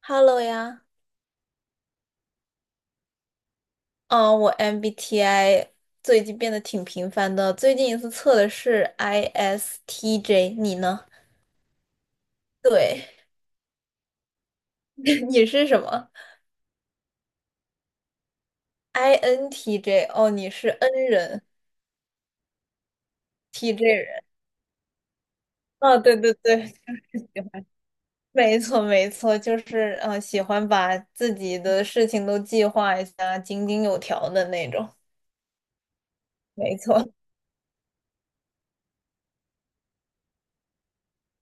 Hello 呀，嗯，我 MBTI 最近变得挺频繁的，最近一次测的是 ISTJ，你呢？对，你是什么？INTJ，哦，你是 N 人，TJ 人。啊？对对对，就是喜欢，没错没错，就是喜欢把自己的事情都计划一下，井井有条的那种。没错，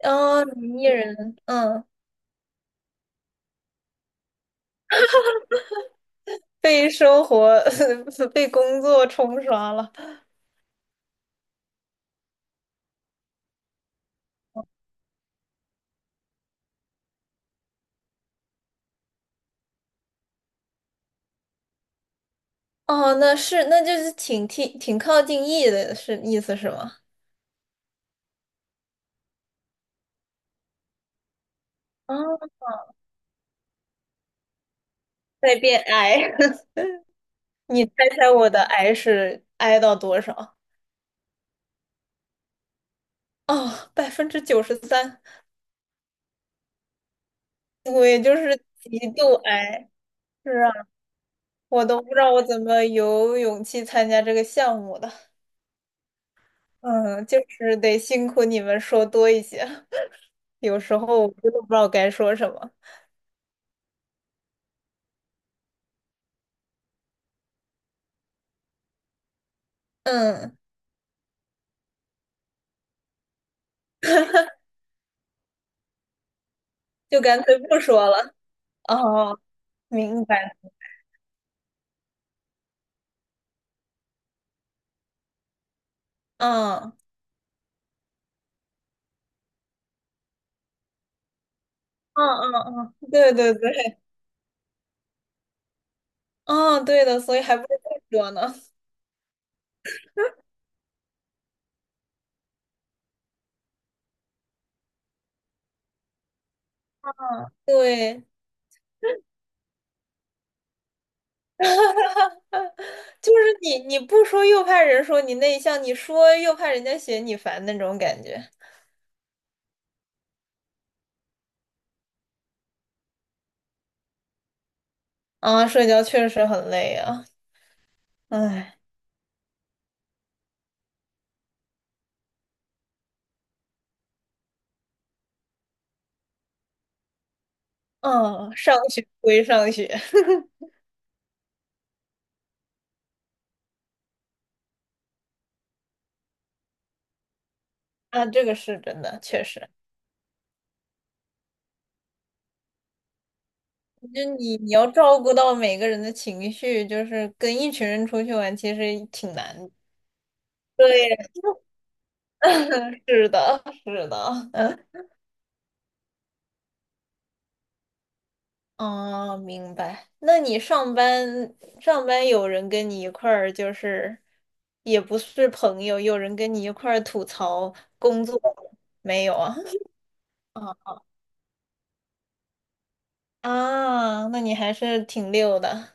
哦，你 E 人，嗯，被生活、被工作冲刷了。哦，那是，那就是挺靠近 E 的，是意思是吗？啊，在变 I，你猜猜我的 I 是 I 到多少？哦，百分之九十三，我也就是极度 I。是啊，我都不知道我怎么有勇气参加这个项目的。嗯，就是得辛苦你们说多一些，有时候我真的不知道该说什么。嗯，就干脆不说了。哦，明白。嗯。嗯嗯嗯，对对对，嗯，对的，所以还不是最热呢。对，就是你不说又怕人说你内向，你说又怕人家嫌你烦那种感觉。啊，社交确实很累啊，唉，嗯，上学归上学 啊，这个是真的，确实，就你要照顾到每个人的情绪，就是跟一群人出去玩，其实挺难的。对，是的，是的，嗯。哦，明白。那你上班有人跟你一块儿，就是也不是朋友，有人跟你一块儿吐槽工作没有啊？哦啊，那你还是挺溜的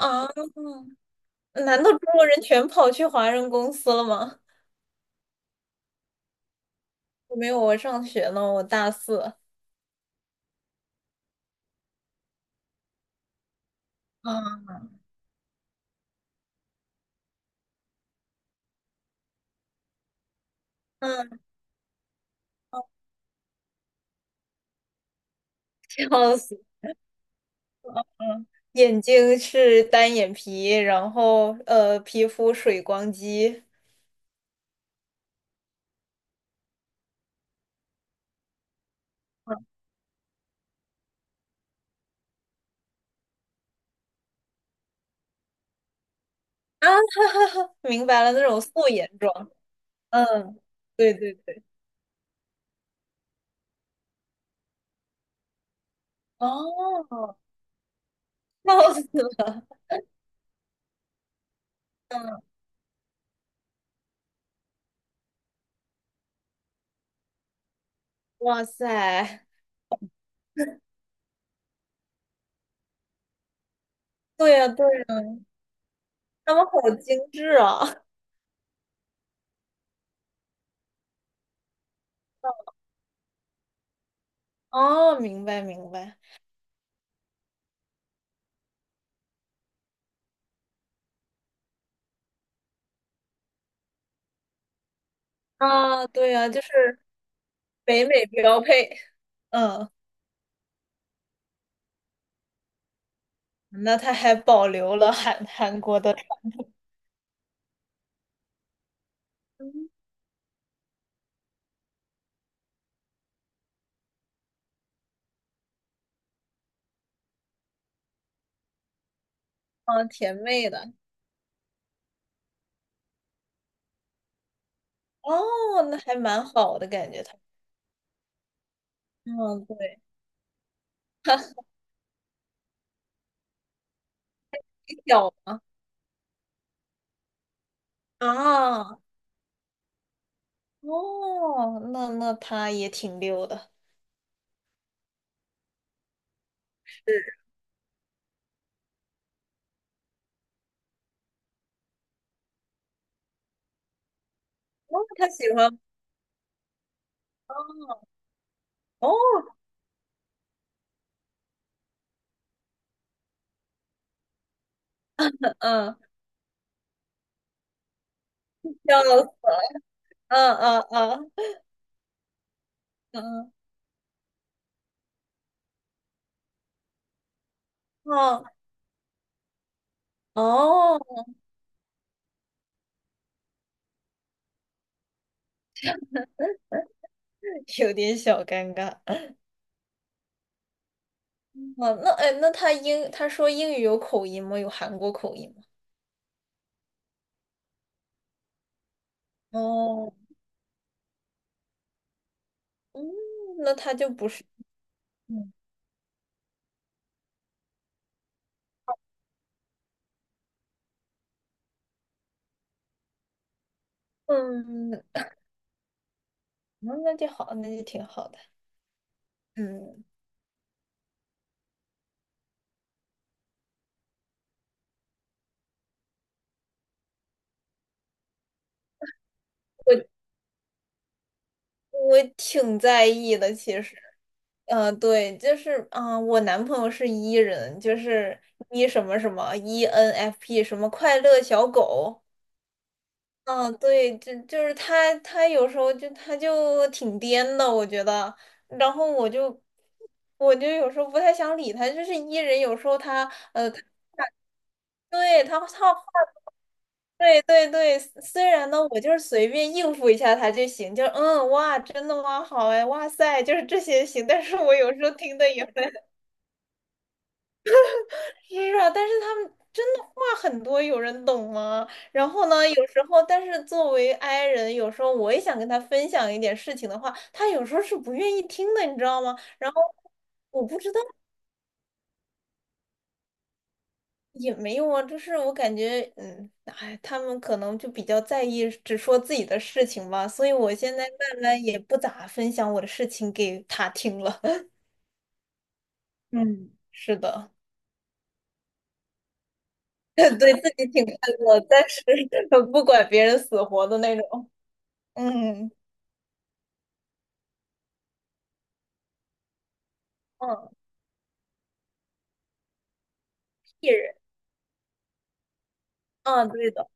啊。难道中国人全跑去华人公司了吗？没有，我上学呢，我大四。啊，嗯，笑死了。眼睛是单眼皮，然后皮肤水光肌。啊，哈哈哈，明白了，那种素颜妆。嗯，对对对。哦，笑死了。嗯，哇塞，对呀对呀，他们好精致啊。哦，明白明白。啊，对呀，就是北美标配。嗯，那他还保留了韩国的传统嗯，啊甜妹的。哦，那还蛮好的感觉他。嗯，对，你小吗？啊，哦，那他也挺溜的。哦，他喜欢哦，哦，嗯，笑死，嗯嗯嗯嗯哦哦，有点小尴尬。嗯哦，那哎，那他英他说英语有口音吗？有韩国口音吗？哦，嗯，那他就不是，嗯嗯，嗯那就好，那就挺好的。嗯，我我挺在意的，其实。嗯，对，就是啊、我男朋友是 E 人，就是 E 什么什么 ENFP 什么快乐小狗。嗯、对，就是他，他有时候就他就挺颠的，我觉得。然后我就有时候不太想理他，就是 E 人，有时候他他对他他对对对，虽然呢，我就是随便应付一下他就行，就嗯哇，真的吗？好哎，哇塞，就是这些行。但是我有时候听的也。是啊，但是他们真的话很多，有人懂吗？然后呢，有时候，但是作为 i 人，有时候我也想跟他分享一点事情的话，他有时候是不愿意听的，你知道吗？然后我不知道也没用啊，就是我感觉，嗯，哎，他们可能就比较在意只说自己的事情吧，所以我现在慢慢也不咋分享我的事情给他听了。嗯，是的，对自己挺快乐，但是 不管别人死活的那种。嗯嗯，艺人。嗯，对的，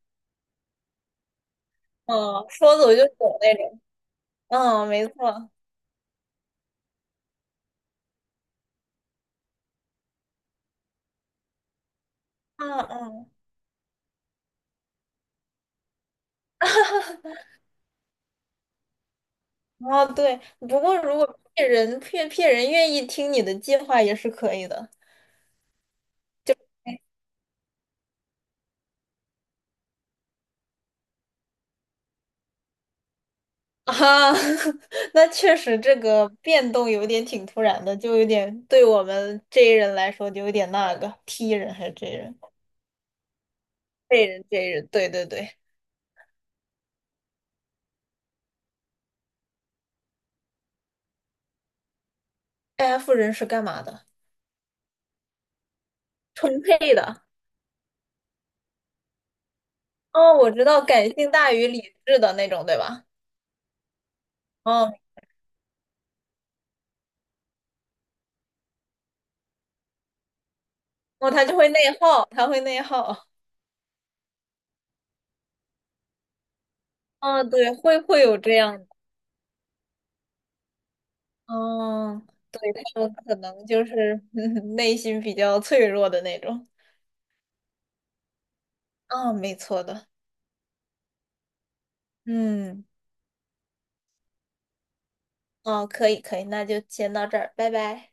嗯，说走就走那种，嗯，没错，嗯嗯，哦，对，不过如果骗人愿意听你的计划也是可以的哎啊，那确实这个变动有点挺突然的，就有点对我们 J 人来说就有点那个踢人还是 J 人，J 人 J 人，对对对，F 人是干嘛的？充沛的，哦，我知道，感性大于理智的那种，对吧？哦，哦，他就会内耗，他会内耗。啊，对，会有这样的，嗯，对，他们可能就是 内心比较脆弱的那种，啊，没错的，嗯，哦，可以可以，那就先到这儿，拜拜。